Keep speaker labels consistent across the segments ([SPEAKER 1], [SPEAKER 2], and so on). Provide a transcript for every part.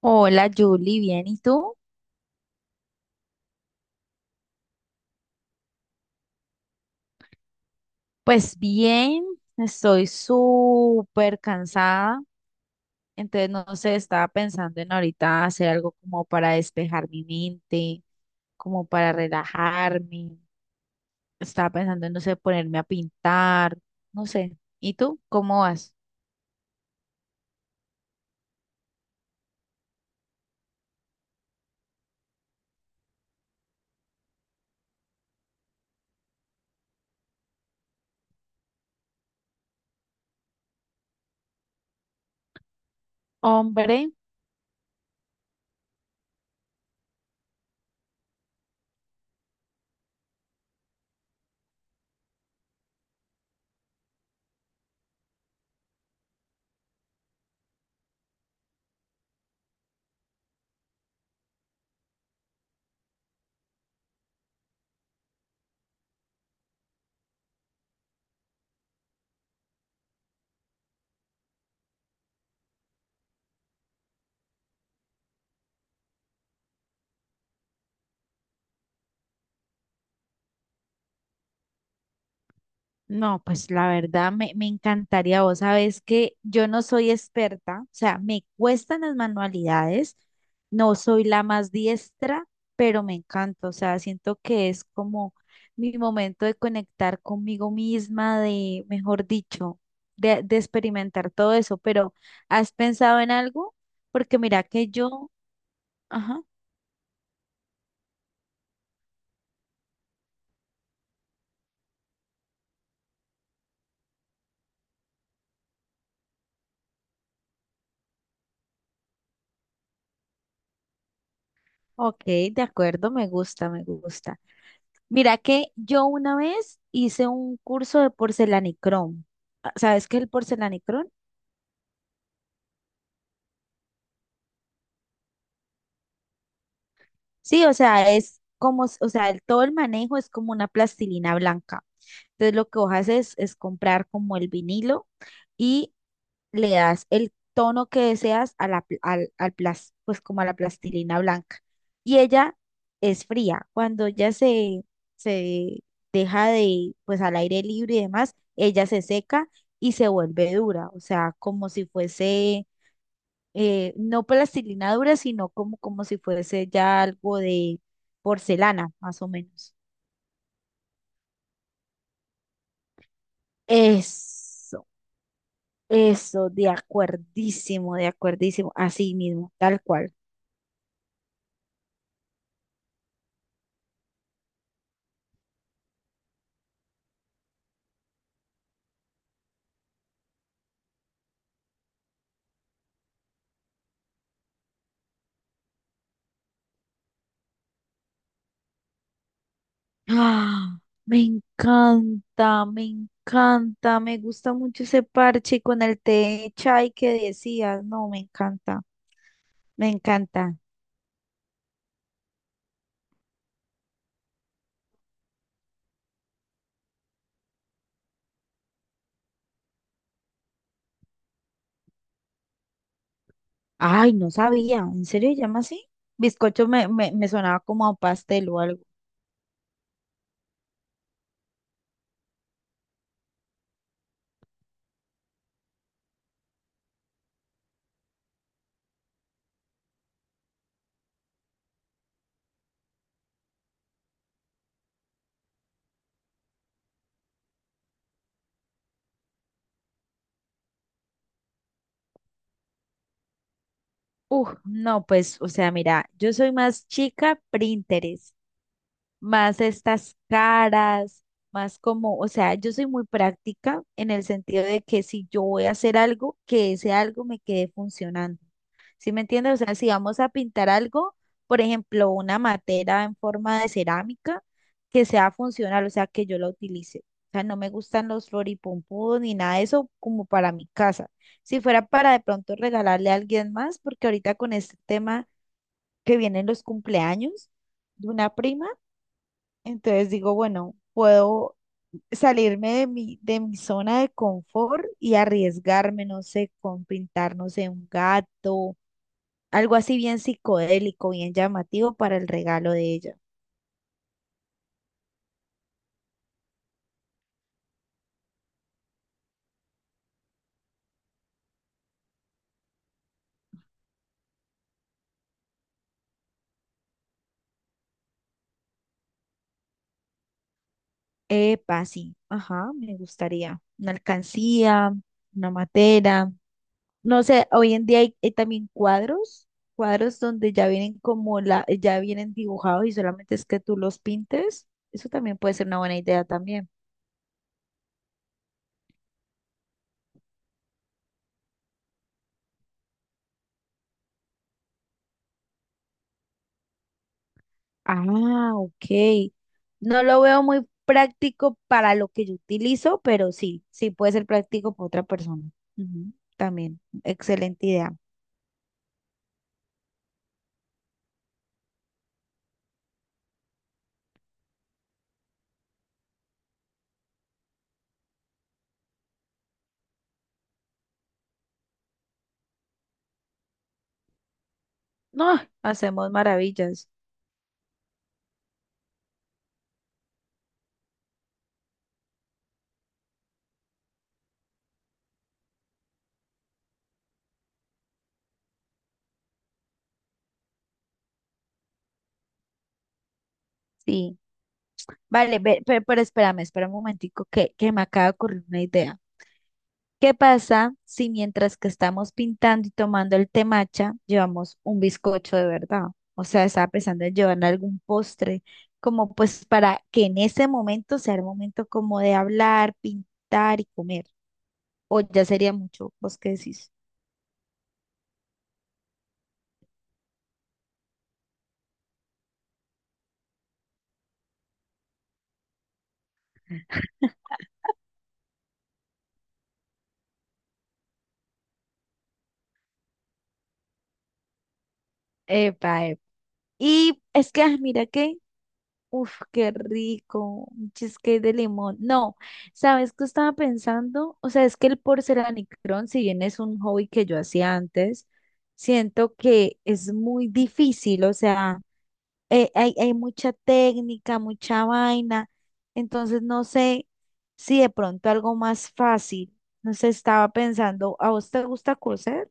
[SPEAKER 1] Hola Julie, ¿bien? ¿Y tú? Pues bien, estoy súper cansada, entonces no sé, estaba pensando en ahorita hacer algo como para despejar mi mente, como para relajarme, estaba pensando en, no sé, ponerme a pintar, no sé. ¿Y tú? ¿Cómo vas? Hombre. No, pues la verdad me encantaría. Vos sabés que yo no soy experta, o sea, me cuestan las manualidades, no soy la más diestra, pero me encanta, o sea, siento que es como mi momento de conectar conmigo misma, de, mejor dicho, de experimentar todo eso, pero ¿has pensado en algo? Porque mira que yo, ajá, ok, de acuerdo, me gusta, me gusta. Mira que yo una vez hice un curso de porcelanicrón. Ah, ¿sabes qué es el porcelanicrón? Sí, o sea, es como, o sea, todo el manejo es como una plastilina blanca. Entonces lo que vos haces es comprar como el vinilo y le das el tono que deseas a la, al, pues como a la plastilina blanca. Y ella es fría. Cuando ella se, se deja de, pues al aire libre y demás, ella se seca y se vuelve dura. O sea, como si fuese, no plastilina dura, sino como, como si fuese ya algo de porcelana, más o menos. Eso, eso, de acuerdísimo, así mismo, tal cual. Ah, me encanta, me encanta, me gusta mucho ese parche con el té de chai que decías. No, me encanta, me encanta. Ay, no sabía, ¿en serio se llama así? Bizcocho me sonaba como a un pastel o algo. Uf, no, pues, o sea, mira, yo soy más chica Pinterest, más estas caras, más como, o sea, yo soy muy práctica en el sentido de que si yo voy a hacer algo, que ese algo me quede funcionando. ¿Sí me entiendes? O sea, si vamos a pintar algo, por ejemplo, una matera en forma de cerámica, que sea funcional, o sea, que yo la utilice. O sea, no me gustan los floripunpudos ni nada de eso como para mi casa. Si fuera para de pronto regalarle a alguien más, porque ahorita con este tema que vienen los cumpleaños de una prima, entonces digo, bueno, puedo salirme de de mi zona de confort y arriesgarme, no sé, con pintar, no sé, un gato, algo así bien psicodélico, bien llamativo para el regalo de ella. Epa, sí, ajá, me gustaría. Una alcancía, una matera. No sé, hoy en día hay, hay también cuadros, cuadros donde ya vienen como la, ya vienen dibujados y solamente es que tú los pintes. Eso también puede ser una buena idea también. Ah, ok. No lo veo muy práctico para lo que yo utilizo, pero sí, sí puede ser práctico para otra persona. Ujú, también, excelente idea. No, hacemos maravillas. Sí. Vale, pero, espérame, espera un momentico que me acaba de ocurrir una idea. ¿Qué pasa si mientras que estamos pintando y tomando el temacha, llevamos un bizcocho de verdad? O sea, estaba pensando en llevar algún postre, como pues para que en ese momento sea el momento como de hablar, pintar y comer. O ya sería mucho, ¿vos qué decís? Epa, epa. Y es que, ah, mira que, uff, qué rico, un cheesecake de limón. No, ¿sabes qué estaba pensando? O sea, es que el porcelanicrón, si bien es un hobby que yo hacía antes, siento que es muy difícil, o sea, hay, hay mucha técnica, mucha vaina, entonces no sé si de pronto algo más fácil. No sé, estaba pensando, ¿a vos te gusta coser?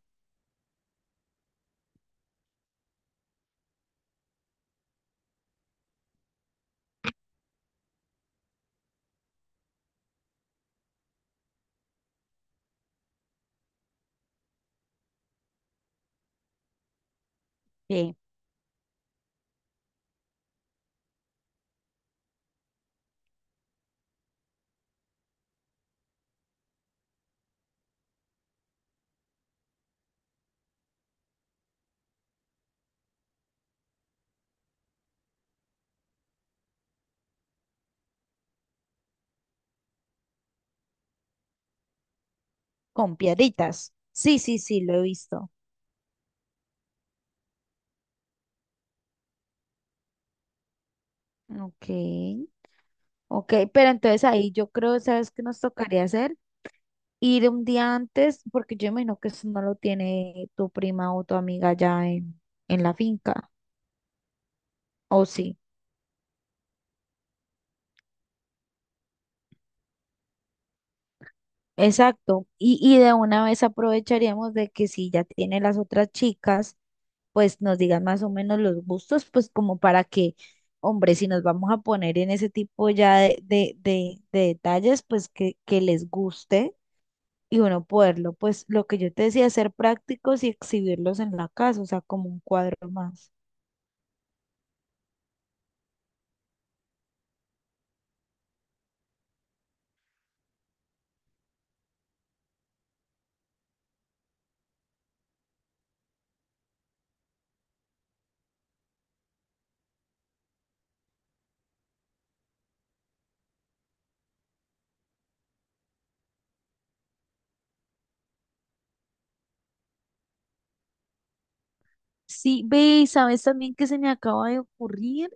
[SPEAKER 1] Con piedritas. Sí, sí, sí, lo he visto. Ok, ok, pero entonces ahí yo creo, ¿sabes qué nos tocaría hacer? Ir un día antes, porque yo imagino que eso no lo tiene tu prima o tu amiga ya en la finca, ¿o sí? Exacto, y de una vez aprovecharíamos de que si ya tiene las otras chicas, pues nos digan más o menos los gustos, pues como para que, hombre, si nos vamos a poner en ese tipo ya de detalles, pues que les guste y uno poderlo, pues lo que yo te decía, hacer prácticos y exhibirlos en la casa, o sea, como un cuadro más. Sí, ve, y sabes también que se me acaba de ocurrir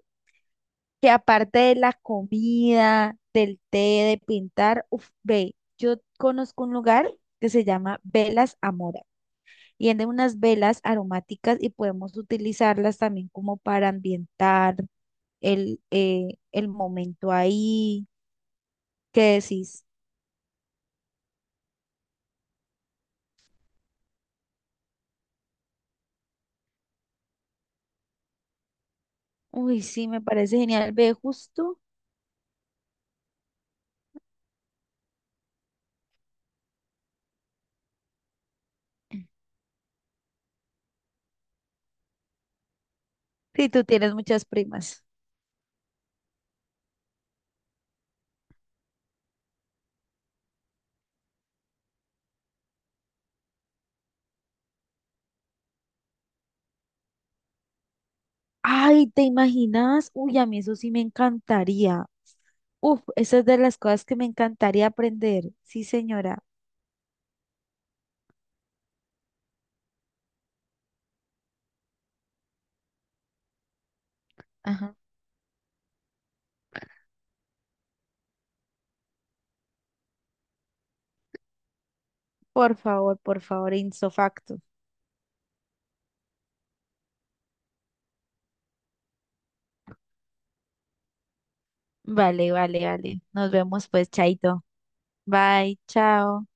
[SPEAKER 1] que aparte de la comida, del té, de pintar, uf, ve, yo conozco un lugar que se llama Velas Amora y venden unas velas aromáticas y podemos utilizarlas también como para ambientar el, eh, el momento ahí. ¿Qué decís? Uy, sí, me parece genial, ve, justo. Sí, tú tienes muchas primas. Ay, ¿te imaginas? Uy, a mí eso sí me encantaría. Uf, esa es de las cosas que me encantaría aprender. Sí, señora. Ajá. Por favor, in Vale, vale, vale. Nos vemos pues, Chaito. Bye, chao.